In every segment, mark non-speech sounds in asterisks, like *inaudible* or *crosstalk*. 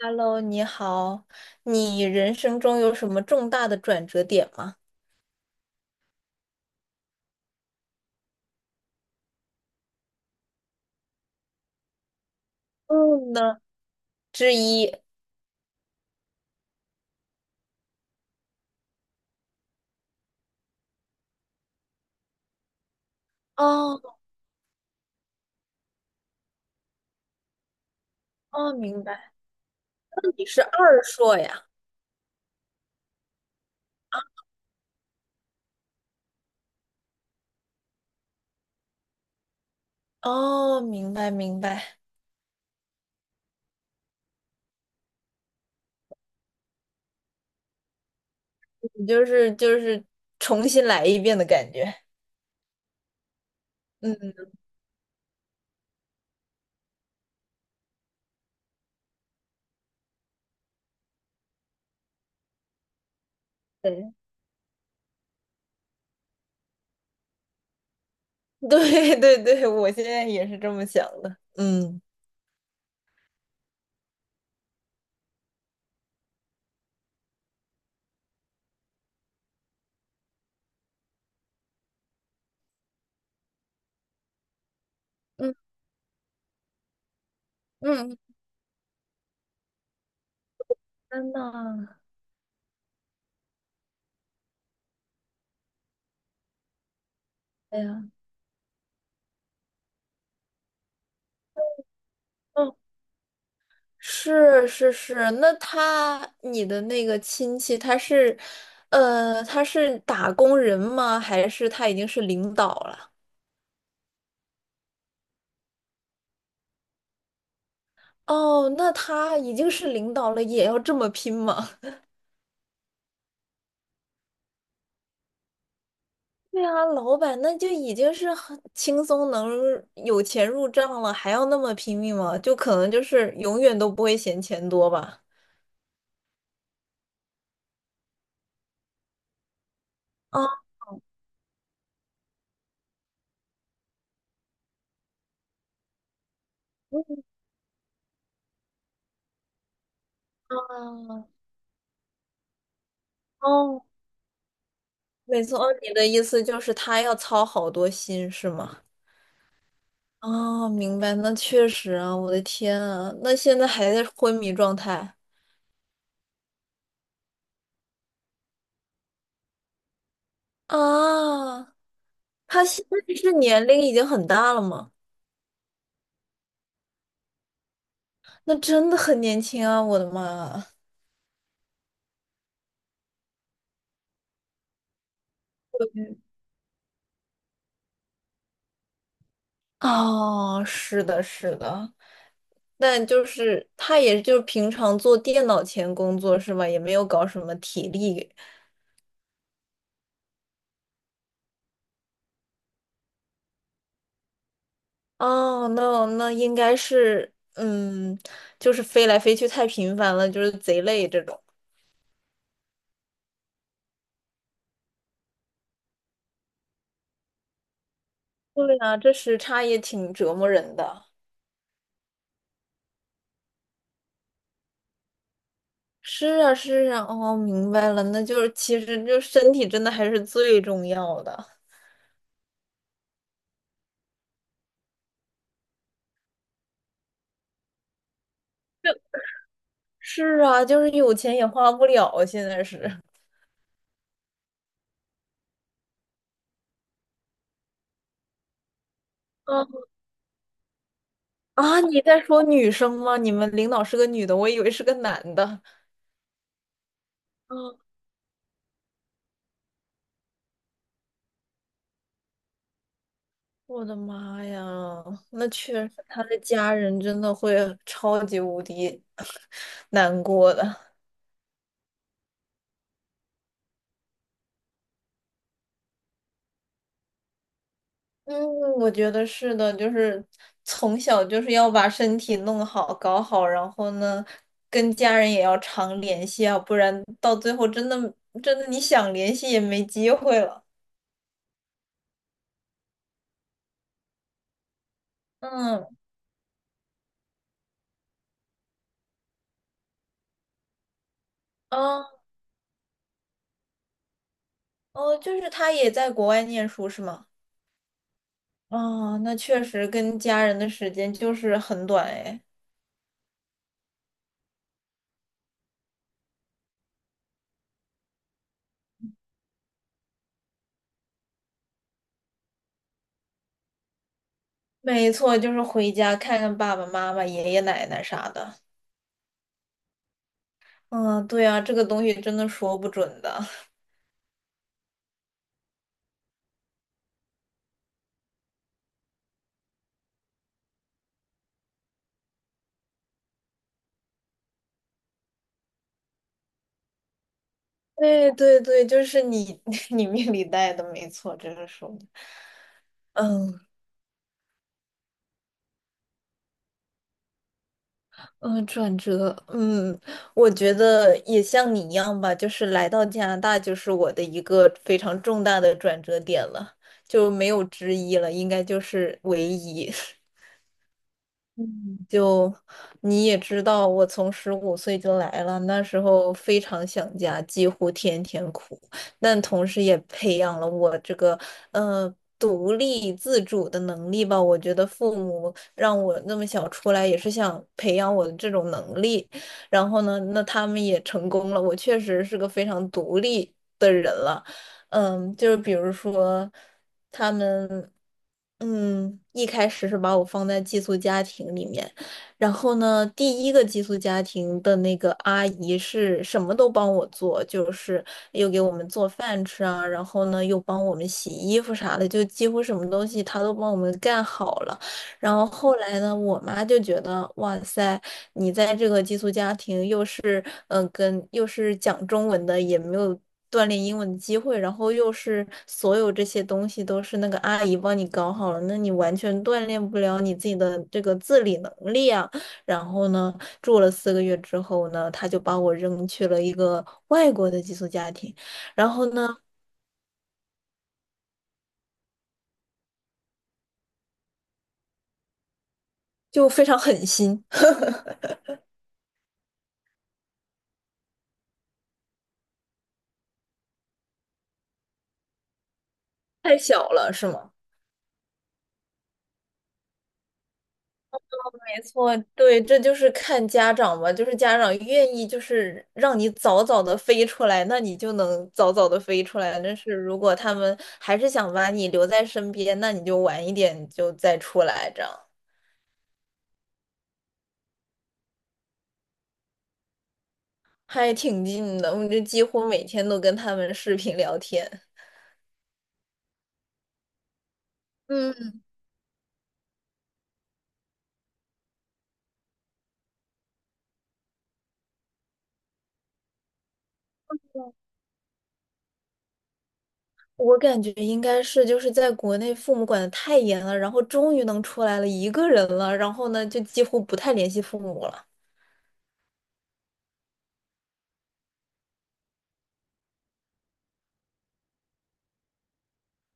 Hello，你好，你人生中有什么重大的转折点吗？嗯呢，之一。哦哦，明白。那你是二硕呀？哦，明白明白，你就是重新来一遍的感觉。嗯，对 *laughs* 对对对，我现在也是这么想的。嗯嗯嗯，天呐，哎呀，嗯。是是是，那你的那个亲戚他是，他是打工人吗？还是他已经是领导了？哦，那他已经是领导了，也要这么拼吗？*laughs* 对啊，老板那就已经是很轻松能有钱入账了，还要那么拼命吗？就可能就是永远都不会嫌钱多吧。啊啊哦，没错，哦你的意思就是他要操好多心，是吗？哦，明白，那确实啊，我的天啊，那现在还在昏迷状态啊？他现在是年龄已经很大了吗？那真的很年轻啊，我的妈啊！哦，是的，是的，但就是他也就是平常做电脑前工作是吧？也没有搞什么体力。哦，那那应该是，嗯，就是飞来飞去太频繁了，就是贼累这种。对啊，这时差也挺折磨人的。是啊，是啊，哦，明白了，那就是其实就身体真的还是最重要的。是啊，就是有钱也花不了，现在是。*laughs* 嗯啊，你在说女生吗？你们领导是个女的，我以为是个男的。啊，*laughs* 我的妈呀，那确实，他的家人真的会超级无敌 *laughs* 难过的。嗯，我觉得是的，就是从小就是要把身体弄好、搞好，然后呢，跟家人也要常联系啊，不然到最后真的真的你想联系也没机会了。嗯，啊哦，就是他也在国外念书是吗？哦，那确实跟家人的时间就是很短哎。没错，就是回家看看爸爸妈妈、爷爷奶奶啥的。嗯，对啊，这个东西真的说不准的。对对对，就是你 *laughs* 你命里带的，没错，这个说的嗯嗯，转折，嗯，我觉得也像你一样吧，就是来到加拿大就是我的一个非常重大的转折点了，就没有之一了，应该就是唯一。*laughs* 嗯就你也知道，我从15岁就来了，那时候非常想家，几乎天天哭，但同时也培养了我这个呃独立自主的能力吧。我觉得父母让我那么小出来，也是想培养我的这种能力。然后呢，那他们也成功了，我确实是个非常独立的人了。嗯，就是比如说，他们。嗯，一开始是把我放在寄宿家庭里面，然后呢，第一个寄宿家庭的那个阿姨是什么都帮我做，就是又给我们做饭吃啊，然后呢又帮我们洗衣服啥的，就几乎什么东西她都帮我们干好了。然后后来呢，我妈就觉得，哇塞，你在这个寄宿家庭又是嗯、呃跟又是讲中文的，也没有锻炼英文的机会，然后又是所有这些东西都是那个阿姨帮你搞好了，那你完全锻炼不了你自己的这个自理能力啊。然后呢，住了4个月之后呢，她就把我扔去了一个外国的寄宿家庭，然后呢，就非常狠心，*laughs* 太小了，是吗？没错，对，这就是看家长嘛，就是家长愿意就是让你早早的飞出来，那你就能早早的飞出来。但是如果他们还是想把你留在身边，那你就晚一点就再出来，这样还挺近的。我就几乎每天都跟他们视频聊天。嗯，我感觉应该是就是在国内父母管的太严了，然后终于能出来了一个人了，然后呢就几乎不太联系父母了。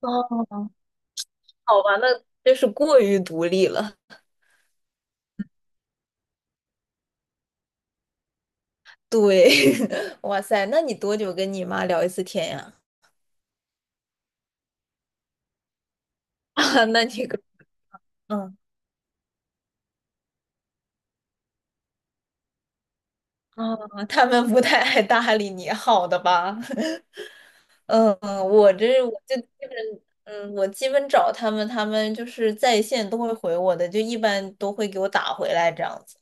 哦，好吧，那真是过于独立了。对，*laughs* 哇塞，那你多久跟你妈聊一次天呀？*laughs* 啊，那你个，嗯，啊，他们不太爱搭理你，好的吧？*laughs* 嗯，我这我就基本，嗯，我基本找他们，他们就是在线都会回我的，就一般都会给我打回来这样子。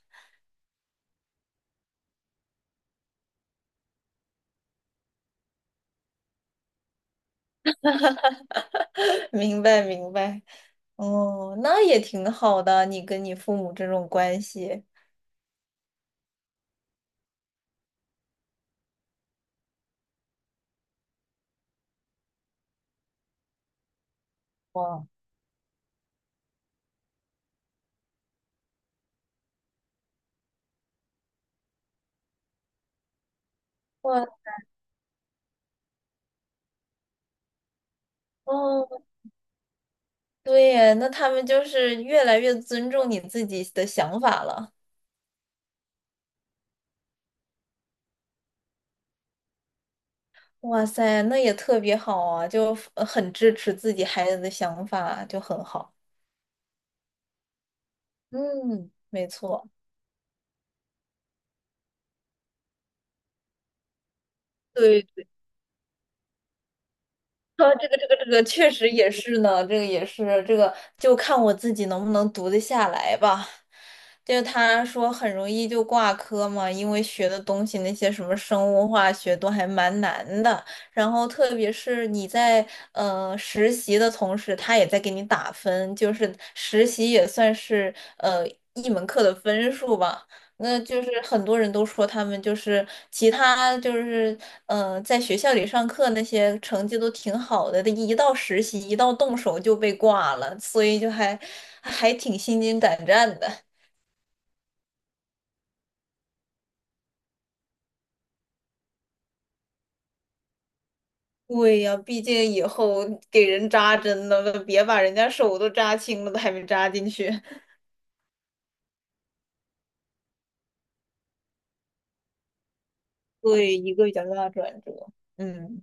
*laughs* 明白，明白。哦，那也挺好的，你跟你父母这种关系。哇哇哦，对耶，那他们就是越来越尊重你自己的想法了。哇塞，那也特别好啊，就很支持自己孩子的想法，就很好。嗯，没错。对。这个确实也是呢，这个也是这个，就看我自己能不能读得下来吧。就他说很容易就挂科嘛，因为学的东西那些什么生物化学都还蛮难的。然后特别是你在实习的同时，他也在给你打分，就是实习也算是一门课的分数吧。那就是很多人都说他们就是其他就是嗯，在学校里上课那些成绩都挺好的，一到实习一到动手就被挂了，所以就还挺心惊胆战的。*laughs* 对呀，毕竟以后给人扎针了，别把人家手都扎青了，都还没扎进去。*laughs* 对，一个比较大的转折。嗯，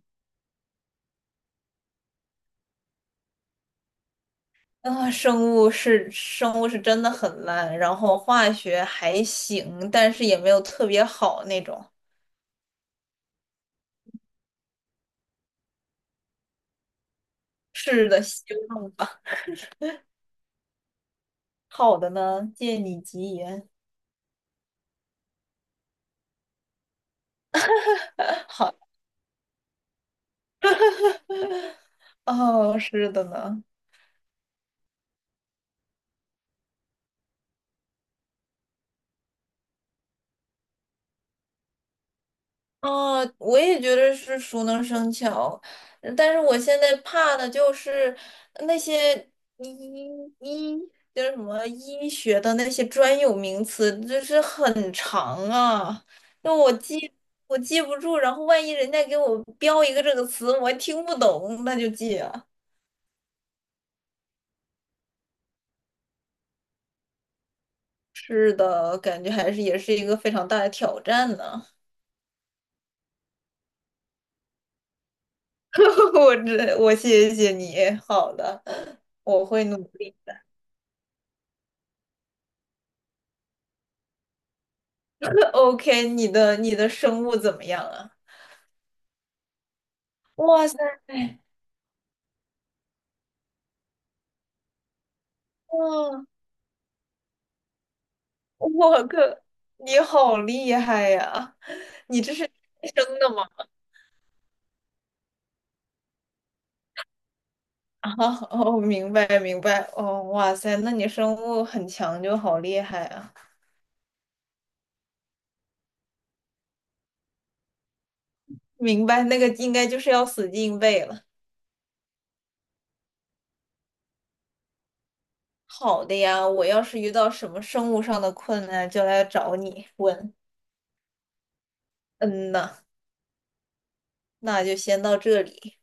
啊，生物是生物是真的很烂，然后化学还行，但是也没有特别好那种。是的，希望吧。好的呢，借你吉言。*laughs* 好，哦，是的呢。哦，我也觉得是熟能生巧，但是我现在怕的就是那些医医就是什么医学的那些专有名词，就是很长啊，那我记不住，然后万一人家给我标一个这个词，我还听不懂，那就记啊。是的，感觉还是也是一个非常大的挑战呢。*laughs* 我谢谢你，好的，我会努力的。*laughs* OK，你的生物怎么样啊？哇塞，哇 *laughs*，我靠，你好厉害呀！你这是天生的吗？*laughs* 啊，哦，明白明白，哦，哇塞，那你生物很强就好厉害啊！明白，那个应该就是要死记硬背了。好的呀，我要是遇到什么生物上的困难，就来找你问。嗯呐，那就先到这里。